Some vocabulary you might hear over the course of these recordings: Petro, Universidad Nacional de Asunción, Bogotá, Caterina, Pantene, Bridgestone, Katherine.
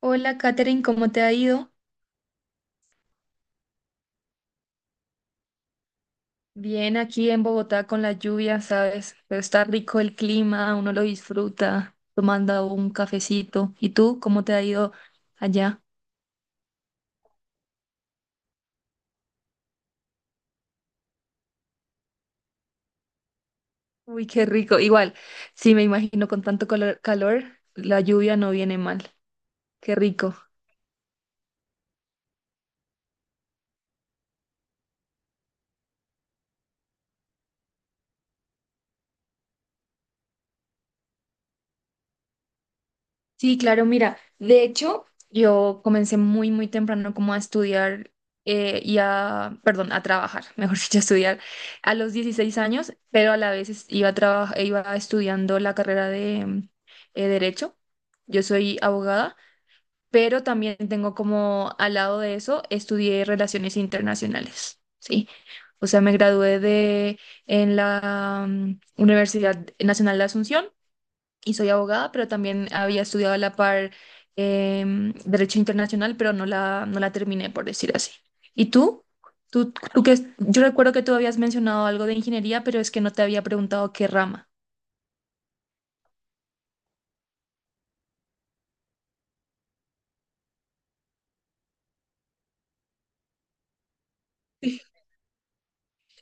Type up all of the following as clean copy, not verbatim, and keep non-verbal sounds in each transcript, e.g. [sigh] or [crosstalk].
Hola, Katherine, ¿cómo te ha ido? Bien, aquí en Bogotá con la lluvia, ¿sabes? Pero está rico el clima, uno lo disfruta tomando un cafecito. ¿Y tú, cómo te ha ido allá? Uy, qué rico. Igual, sí, me imagino con tanto calor, la lluvia no viene mal. Qué rico. Sí, claro, mira, de hecho, yo comencé muy temprano como a estudiar a trabajar, [laughs] mejor dicho, a estudiar a los 16 años, pero a la vez iba estudiando la carrera de Derecho. Yo soy abogada, pero también tengo como al lado de eso, estudié Relaciones Internacionales, ¿sí? O sea, me gradué de en la Universidad Nacional de Asunción y soy abogada, pero también había estudiado a la par Derecho Internacional, pero no la terminé, por decir así. ¿Y tú? Yo recuerdo que tú habías mencionado algo de ingeniería, pero es que no te había preguntado qué rama.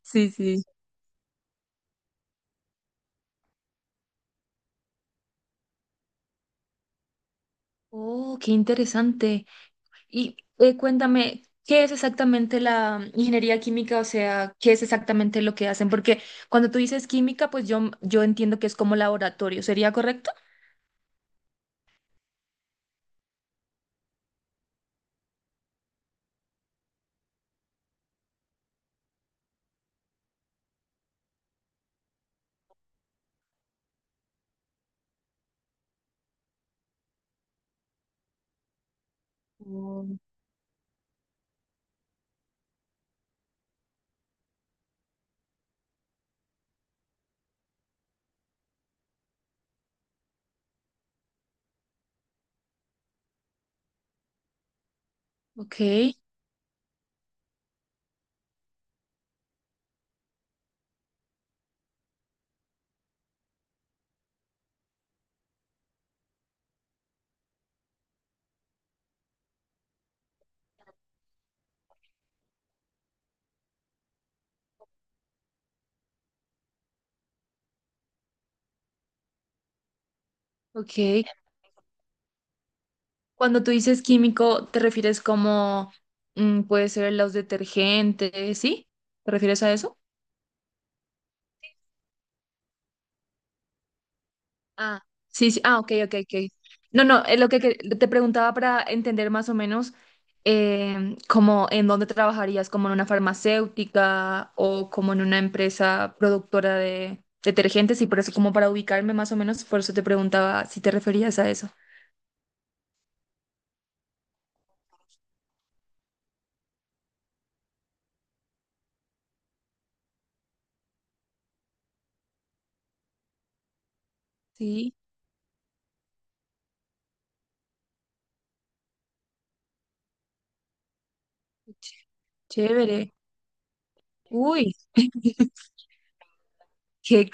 Sí, sí. Oh, qué interesante. Y cuéntame, ¿qué es exactamente la ingeniería química? O sea, ¿qué es exactamente lo que hacen? Porque cuando tú dices química, pues yo entiendo que es como laboratorio, ¿sería correcto? Oh. Ok, ok. Cuando tú dices químico, ¿te refieres como puede ser los detergentes, ¿sí? ¿Te refieres a eso? Ah, sí, sí. Ah, ok, ok, ok. No, no, es lo te preguntaba para entender más o menos como en dónde trabajarías, como en una farmacéutica o como en una empresa productora de detergentes y por eso como para ubicarme más o menos, por eso te preguntaba si te referías a eso. Sí, ch- chévere. Uy, qué,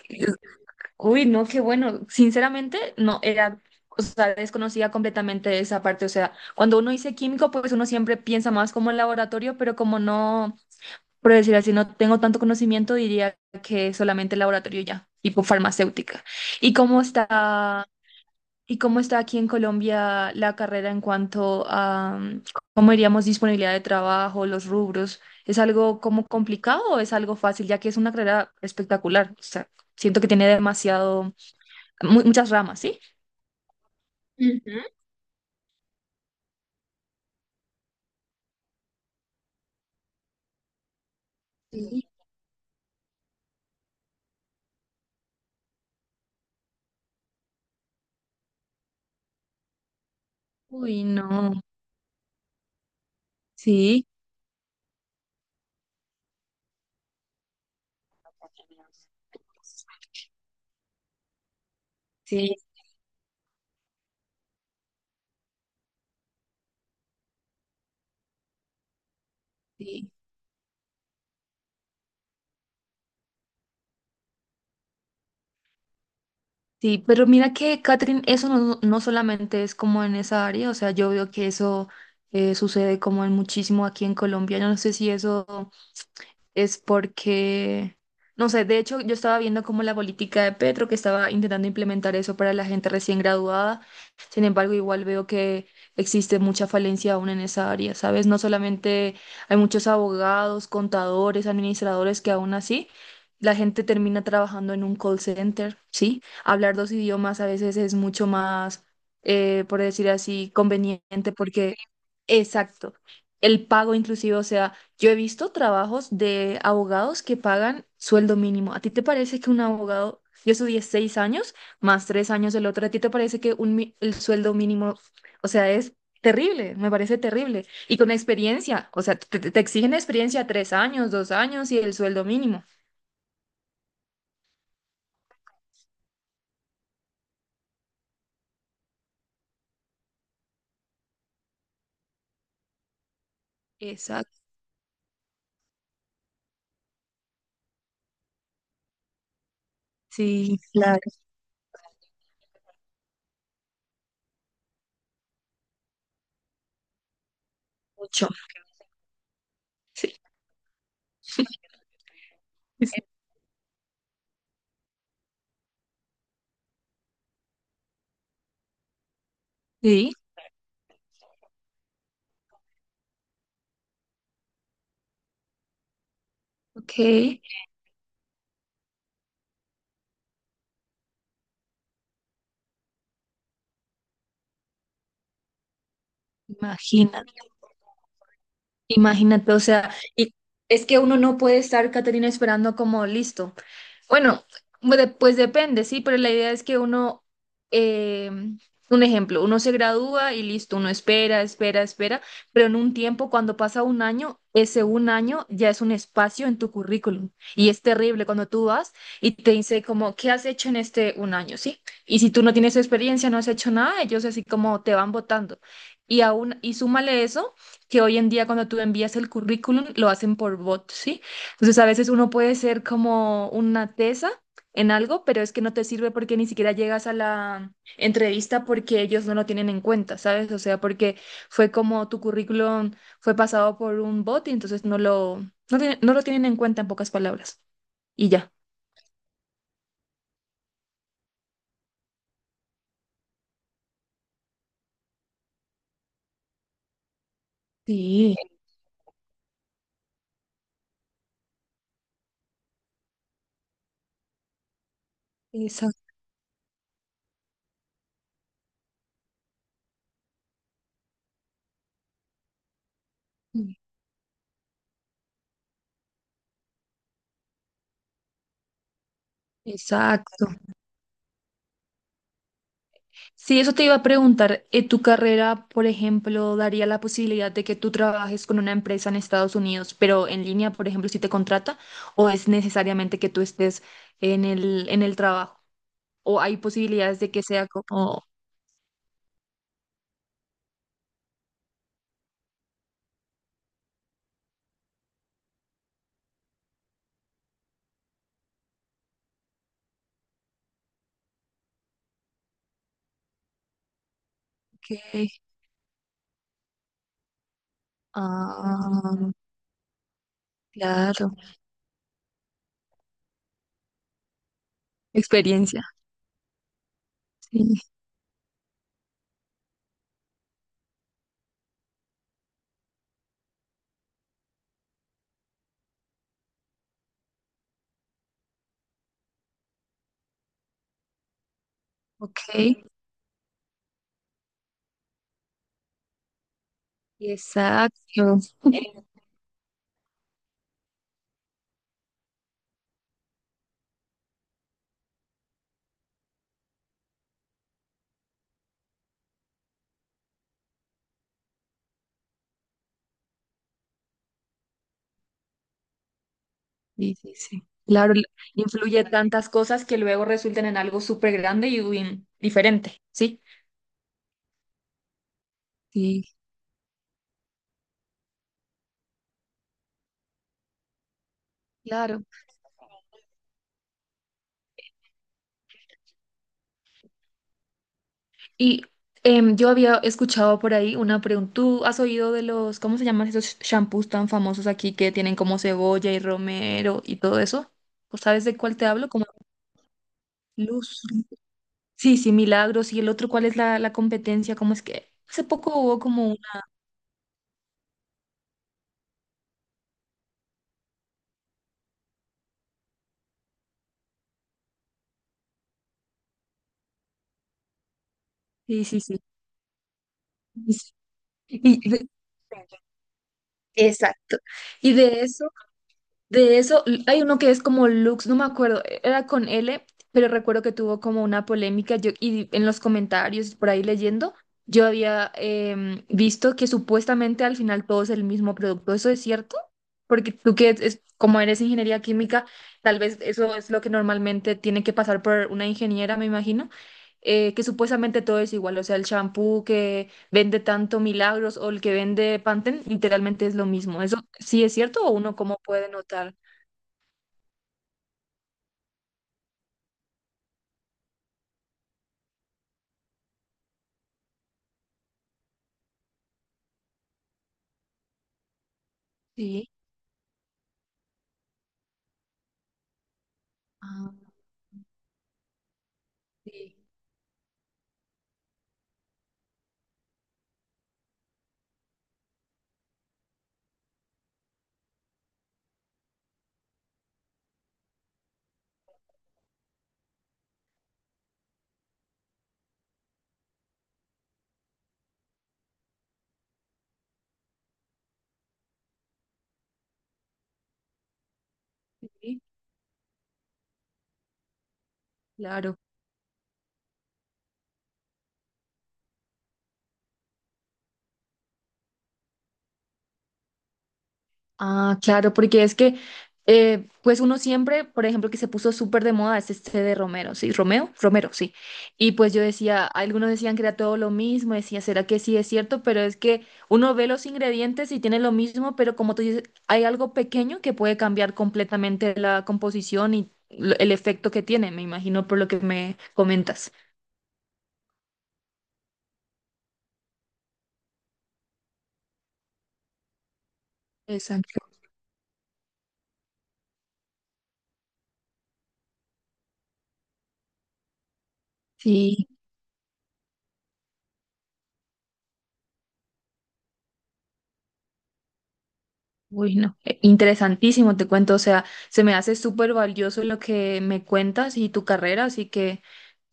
uy, no, qué bueno. Sinceramente, no era, o sea, desconocía completamente esa parte. O sea, cuando uno dice químico, pues uno siempre piensa más como en laboratorio, pero como no, por decir así, no tengo tanto conocimiento, diría que solamente laboratorio ya, tipo farmacéutica. ¿Y cómo está, y cómo está aquí en Colombia la carrera en cuanto a, cómo diríamos, disponibilidad de trabajo, los rubros? ¿Es algo como complicado o es algo fácil, ya que es una carrera espectacular? O sea, siento que tiene demasiado muchas ramas, ¿sí? Ujú. Sí. Uy, no. Sí, sí, sí. Sí, pero mira que, Catherine, eso no solamente es como en esa área, o sea, yo veo que eso sucede como en muchísimo aquí en Colombia. Yo no sé si eso... es porque, no sé, de hecho yo estaba viendo como la política de Petro, que estaba intentando implementar eso para la gente recién graduada, sin embargo igual veo que existe mucha falencia aún en esa área, ¿sabes? No solamente hay muchos abogados, contadores, administradores que aún así... La gente termina trabajando en un call center, ¿sí? Hablar dos idiomas a veces es mucho más, por decir así, conveniente porque, exacto, el pago inclusive, o sea, yo he visto trabajos de abogados que pagan sueldo mínimo. ¿A ti te parece que un abogado, yo estudié 6 años más 3 años del otro, ¿a ti te parece que el sueldo mínimo, o sea, es terrible? Me parece terrible. Y con experiencia, o sea, te exigen experiencia 3 años, 2 años y el sueldo mínimo. Exacto, sí, claro, mucho. Sí, sí, ok, imagínate. Imagínate, o sea, y es que uno no puede estar, Caterina, esperando como listo. Bueno, pues depende, sí, pero la idea es que uno, eh, un ejemplo, uno se gradúa y listo, uno espera, espera, espera, pero en un tiempo, cuando pasa un año, ese un año ya es un espacio en tu currículum y es terrible cuando tú vas y te dice como, ¿qué has hecho en este un año? ¿Sí? Y si tú no tienes experiencia, no has hecho nada, ellos así como te van votando. Y aún, y súmale eso, que hoy en día cuando tú envías el currículum, lo hacen por bot, ¿sí? Entonces, a veces uno puede ser como una tesa en algo, pero es que no te sirve porque ni siquiera llegas a la entrevista porque ellos no lo tienen en cuenta, ¿sabes? O sea, porque fue como tu currículum fue pasado por un bot y entonces no lo tienen en cuenta en pocas palabras. Y ya. Sí, exacto. Exacto. Sí, eso te iba a preguntar. ¿Tu carrera, por ejemplo, daría la posibilidad de que tú trabajes con una empresa en Estados Unidos, pero en línea, por ejemplo, si te contrata, o es necesariamente que tú estés en en el trabajo? ¿O hay posibilidades de que sea como, ok, ah, claro, experiencia? Sí, ok, exacto. [laughs] Sí, sí, sí. Claro, influye tantas cosas que luego resultan en algo súper grande y uy, diferente, ¿sí? Sí, claro. Y yo había escuchado por ahí una pregunta. ¿Tú has oído de los, cómo se llaman esos shampoos tan famosos aquí que tienen como cebolla y romero y todo eso? ¿O sabes de cuál te hablo? Como Luz. Sí, sí, Milagros. ¿Y el otro cuál es la competencia? ¿Cómo es que hace poco hubo como una... Sí, sí, sí. Y- y de- Exacto. Y de eso... De eso, hay uno que es como Lux, no me acuerdo, e, era con L, pero recuerdo que tuvo como una polémica yo, y en los comentarios, por ahí leyendo, yo había visto que supuestamente al final todo es el mismo producto. ¿Eso es cierto? Porque tú que es, como eres ingeniería química, tal vez eso es lo que normalmente tiene que pasar por una ingeniera, me imagino, que supuestamente todo es igual, o sea, el champú, vende tanto milagros o el que vende Pantene, literalmente es lo mismo. ¿Eso sí es cierto o uno cómo puede notar? Sí. Ah, sí, sí, claro. Ah, claro, porque es que, pues uno siempre, por ejemplo, que se puso súper de moda es este de Romero, ¿sí? ¿Romeo? Romero, sí. Y pues yo decía, algunos decían que era todo lo mismo, decía, ¿será que sí es cierto? Pero es que uno ve los ingredientes y tiene lo mismo, pero como tú dices, hay algo pequeño que puede cambiar completamente la composición y el efecto que tiene, me imagino por lo que me comentas. Exacto. Sí. Uy, no, interesantísimo, te cuento, o sea, se me hace súper valioso lo que me cuentas y tu carrera, así que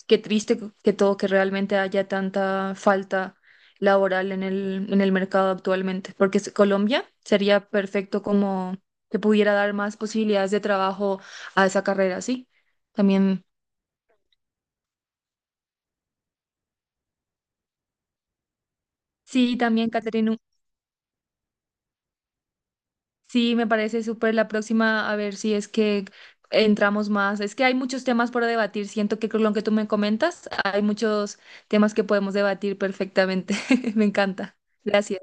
qué triste que todo, que realmente haya tanta falta laboral en en el mercado actualmente, porque Colombia sería perfecto como que pudiera dar más posibilidades de trabajo a esa carrera, ¿sí? También, sí, también, Catherine. Sí, me parece súper la próxima, a ver si es que entramos más. Es que hay muchos temas por debatir. Siento que con lo que tú me comentas, hay muchos temas que podemos debatir perfectamente. [laughs] Me encanta. Gracias.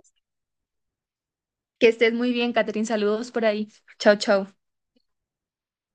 Que estés muy bien, Catherine. Saludos por ahí. Chao, chao.